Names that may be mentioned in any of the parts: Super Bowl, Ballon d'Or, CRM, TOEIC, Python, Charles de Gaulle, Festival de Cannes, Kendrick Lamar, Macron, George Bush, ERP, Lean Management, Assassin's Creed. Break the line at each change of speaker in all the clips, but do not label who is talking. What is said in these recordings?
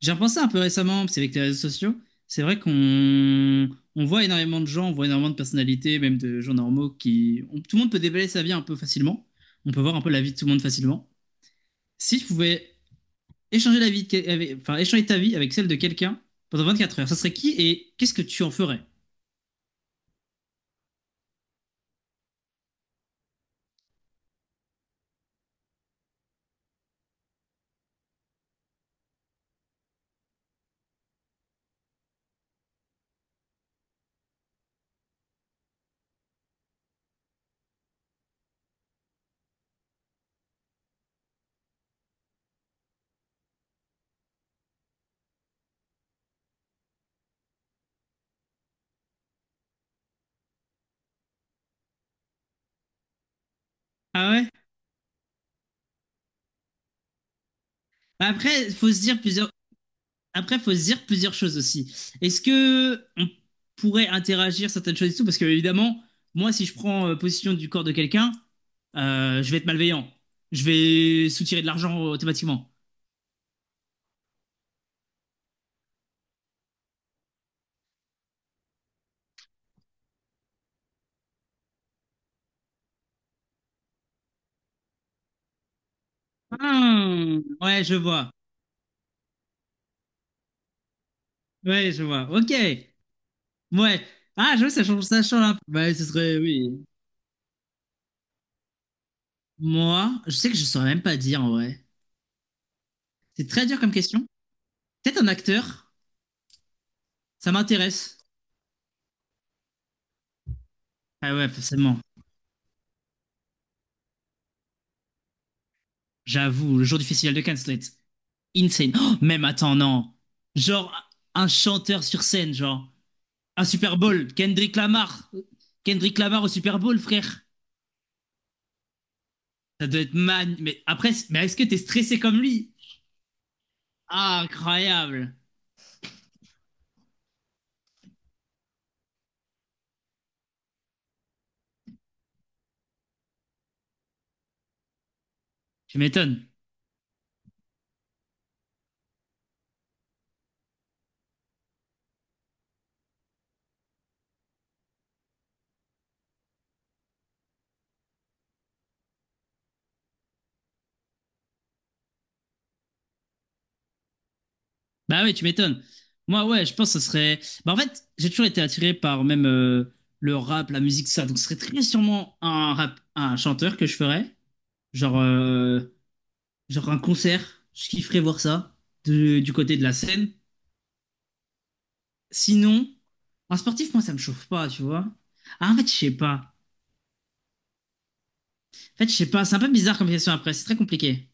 J'ai repensé un peu récemment, parce qu'avec les réseaux sociaux, c'est vrai qu'on on voit énormément de gens, on voit énormément de personnalités, même de gens normaux tout le monde peut déballer sa vie un peu facilement. On peut voir un peu la vie de tout le monde facilement. Si tu pouvais échanger la vie de échanger ta vie avec celle de quelqu'un pendant 24 heures, ça serait qui et qu'est-ce que tu en ferais? Ah ouais? Bah Après, il faut se dire plusieurs. Après, il faut se dire plusieurs choses aussi. Est-ce que on pourrait interagir certaines choses et tout. Parce que, évidemment, moi, si je prends position du corps de quelqu'un, je vais être malveillant. Je vais soutirer de l'argent automatiquement. Hmm, ouais, je vois. Ouais, je vois. Ok. Ouais. Ah, je vois, ça change un peu. Ouais, ce serait, oui. Moi, je sais que je saurais même pas dire en vrai. C'est très dur comme question. Peut-être un acteur, ça m'intéresse. Ah ouais, forcément. J'avoue, le jour du festival de Cannes, ça doit être insane. Oh, même attends, non. Genre un chanteur sur scène, genre un Super Bowl, Kendrick Lamar. Kendrick Lamar au Super Bowl, frère. Ça doit être man. Mais après, mais est-ce que t'es stressé comme lui? Ah, incroyable. Tu m'étonnes. Bah oui, tu m'étonnes. Moi, ouais, je pense que ce serait. Bah en fait, j'ai toujours été attiré par même le rap, la musique, tout ça. Donc ce serait très sûrement un rap, un chanteur que je ferais. Genre, euh, genre un concert. Je kifferais voir ça du côté de la scène. Sinon. En sportif, moi, ça me chauffe pas, tu vois. Ah, en fait, je sais pas. En fait, je sais pas. C'est un peu bizarre comme question après. C'est très compliqué.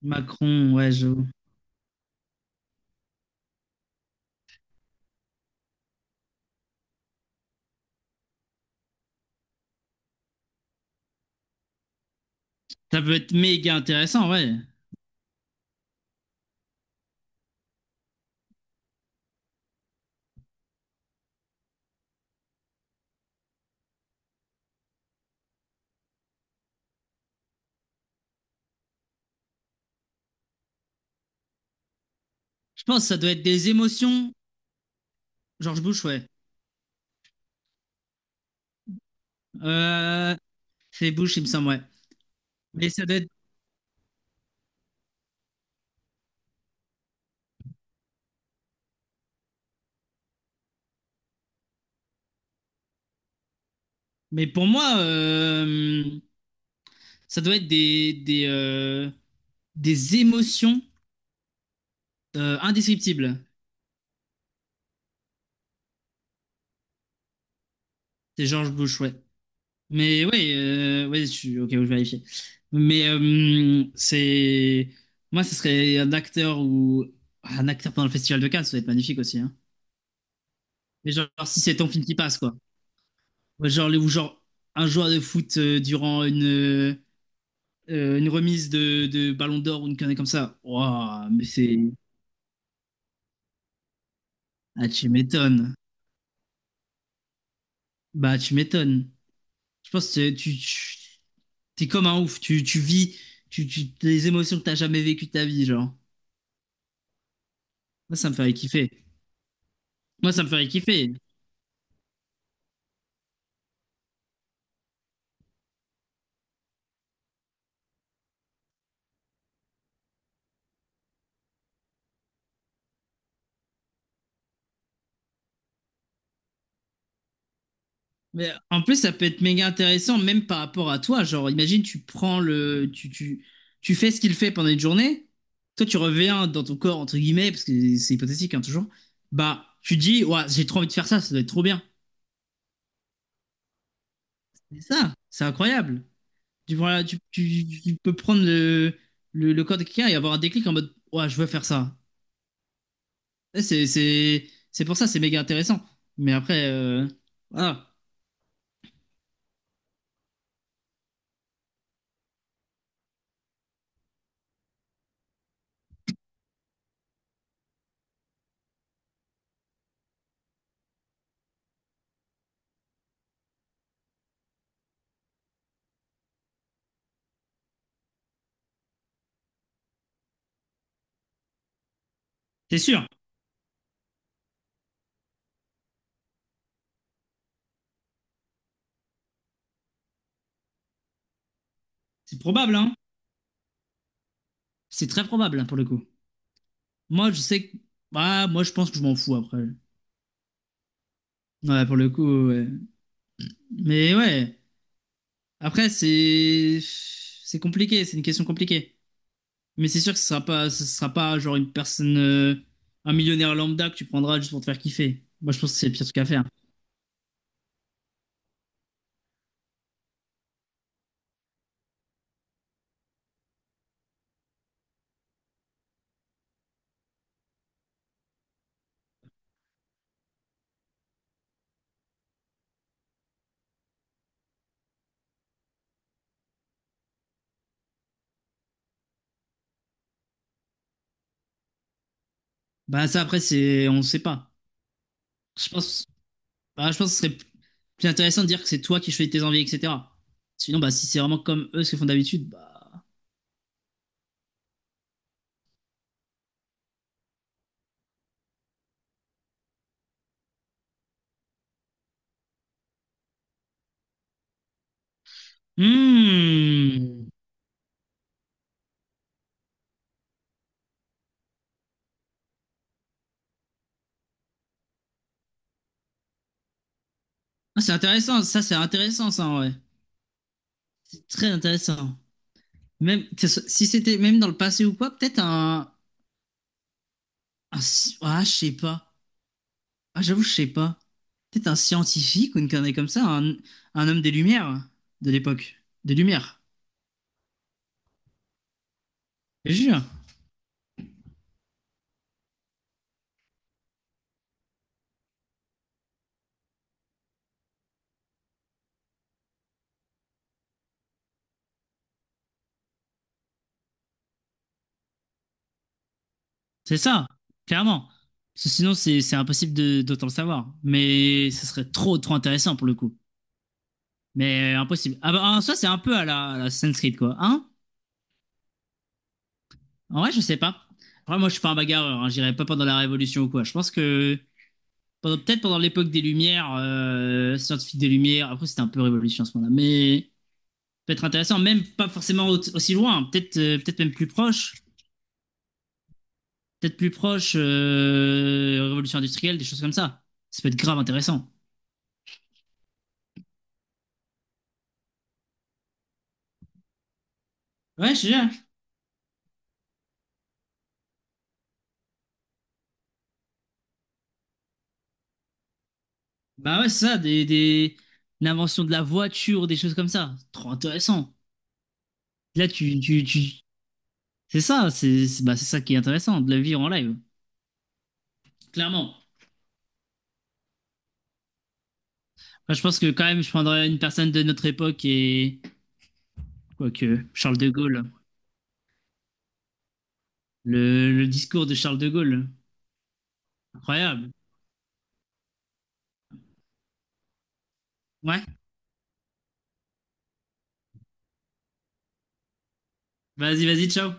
Macron, ouais, je... Ça peut être méga intéressant, ouais. Je pense que ça doit être des émotions. George Bush, ouais. Euh... C'est Bush, il me semble, ouais. Mais ça doit être... Mais pour moi, ça doit être des émotions indescriptibles. C'est George Bush, ouais. Mais ouais, ouais, je suis ok où je vérifie. Mais c'est. Moi, ce serait un acteur ou. Un acteur pendant le Festival de Cannes, ça va être magnifique aussi. Hein. Mais genre, si c'est ton film qui passe, quoi. Ouais. Genre, ou genre, un joueur de foot durant une remise de Ballon d'Or ou une connerie comme ça. Waouh, mais c'est. Ah, tu m'étonnes. Bah, tu m'étonnes. Je pense que tu. Tu- T'es comme un ouf. Tu vis les émotions que t'as jamais vécues de ta vie, genre. Moi, ça me ferait kiffer. Moi, ça me ferait kiffer. Mais en plus, ça peut être méga intéressant, même par rapport à toi. Genre, imagine, tu prends le. Tu fais ce qu'il fait pendant une journée. Toi, tu reviens dans ton corps, entre guillemets, parce que c'est hypothétique, hein, toujours. Bah, tu dis, ouais, j'ai trop envie de faire ça, ça doit être trop bien. C'est ça, c'est incroyable. Voilà, tu peux prendre le corps de quelqu'un et avoir un déclic en mode, ouais, je veux faire ça. Et c'est pour ça, c'est méga intéressant. Mais après, voilà. C'est sûr, c'est probable, hein. C'est très probable, hein, pour le coup. Moi, je sais que. Ah, moi, je pense que je m'en fous après. Ouais, pour le coup, ouais. Mais ouais. Après, c'est. C'est compliqué, c'est une question compliquée. Mais c'est sûr que ce sera pas genre une personne. Un millionnaire lambda que tu prendras juste pour te faire kiffer. Moi, je pense que c'est le pire truc à faire. Bah, ça, après, c'est. On sait pas. Je pense. Bah, je pense que ce serait plus intéressant de dire que c'est toi qui choisis tes envies, etc. Sinon, bah, si c'est vraiment comme eux ce qu'ils font d'habitude, bah. Hmm. Ah, c'est intéressant, ça, en vrai. C'est très intéressant. Si c'était même dans le passé ou quoi, peut-être un, je sais pas. Ah j'avoue je sais pas. Peut-être un scientifique ou une connerie comme ça, un homme des Lumières de l'époque, des Lumières. Je te jure, c'est ça, clairement. Parce que sinon c'est impossible de d'autant le savoir. Mais ce serait trop intéressant pour le coup. Mais impossible. Ah bah, en soi c'est un peu à la Assassin's Creed, quoi, hein? En vrai je sais pas. Après moi je suis pas un bagarreur, hein. J'irai pas pendant la Révolution ou quoi. Je pense que peut-être pendant l'époque des Lumières, scientifique des Lumières. Après, c'était un peu révolution à ce moment-là, mais peut-être intéressant, même pas forcément aussi loin, hein, peut-être même plus proche, peut-être plus proche révolution industrielle, des choses comme ça. Ça peut être grave intéressant. Ouais, je sais pas. Bah ouais, c'est ça, des... l'invention de la voiture, des choses comme ça. Trop intéressant. Là, tu... c'est ça, bah, c'est ça qui est intéressant, de la vivre en live, clairement. Enfin, je pense que quand même, je prendrais une personne de notre époque et quoique Charles de Gaulle. Le discours de Charles de Gaulle. Incroyable. Ouais, vas-y, vas-y, ciao.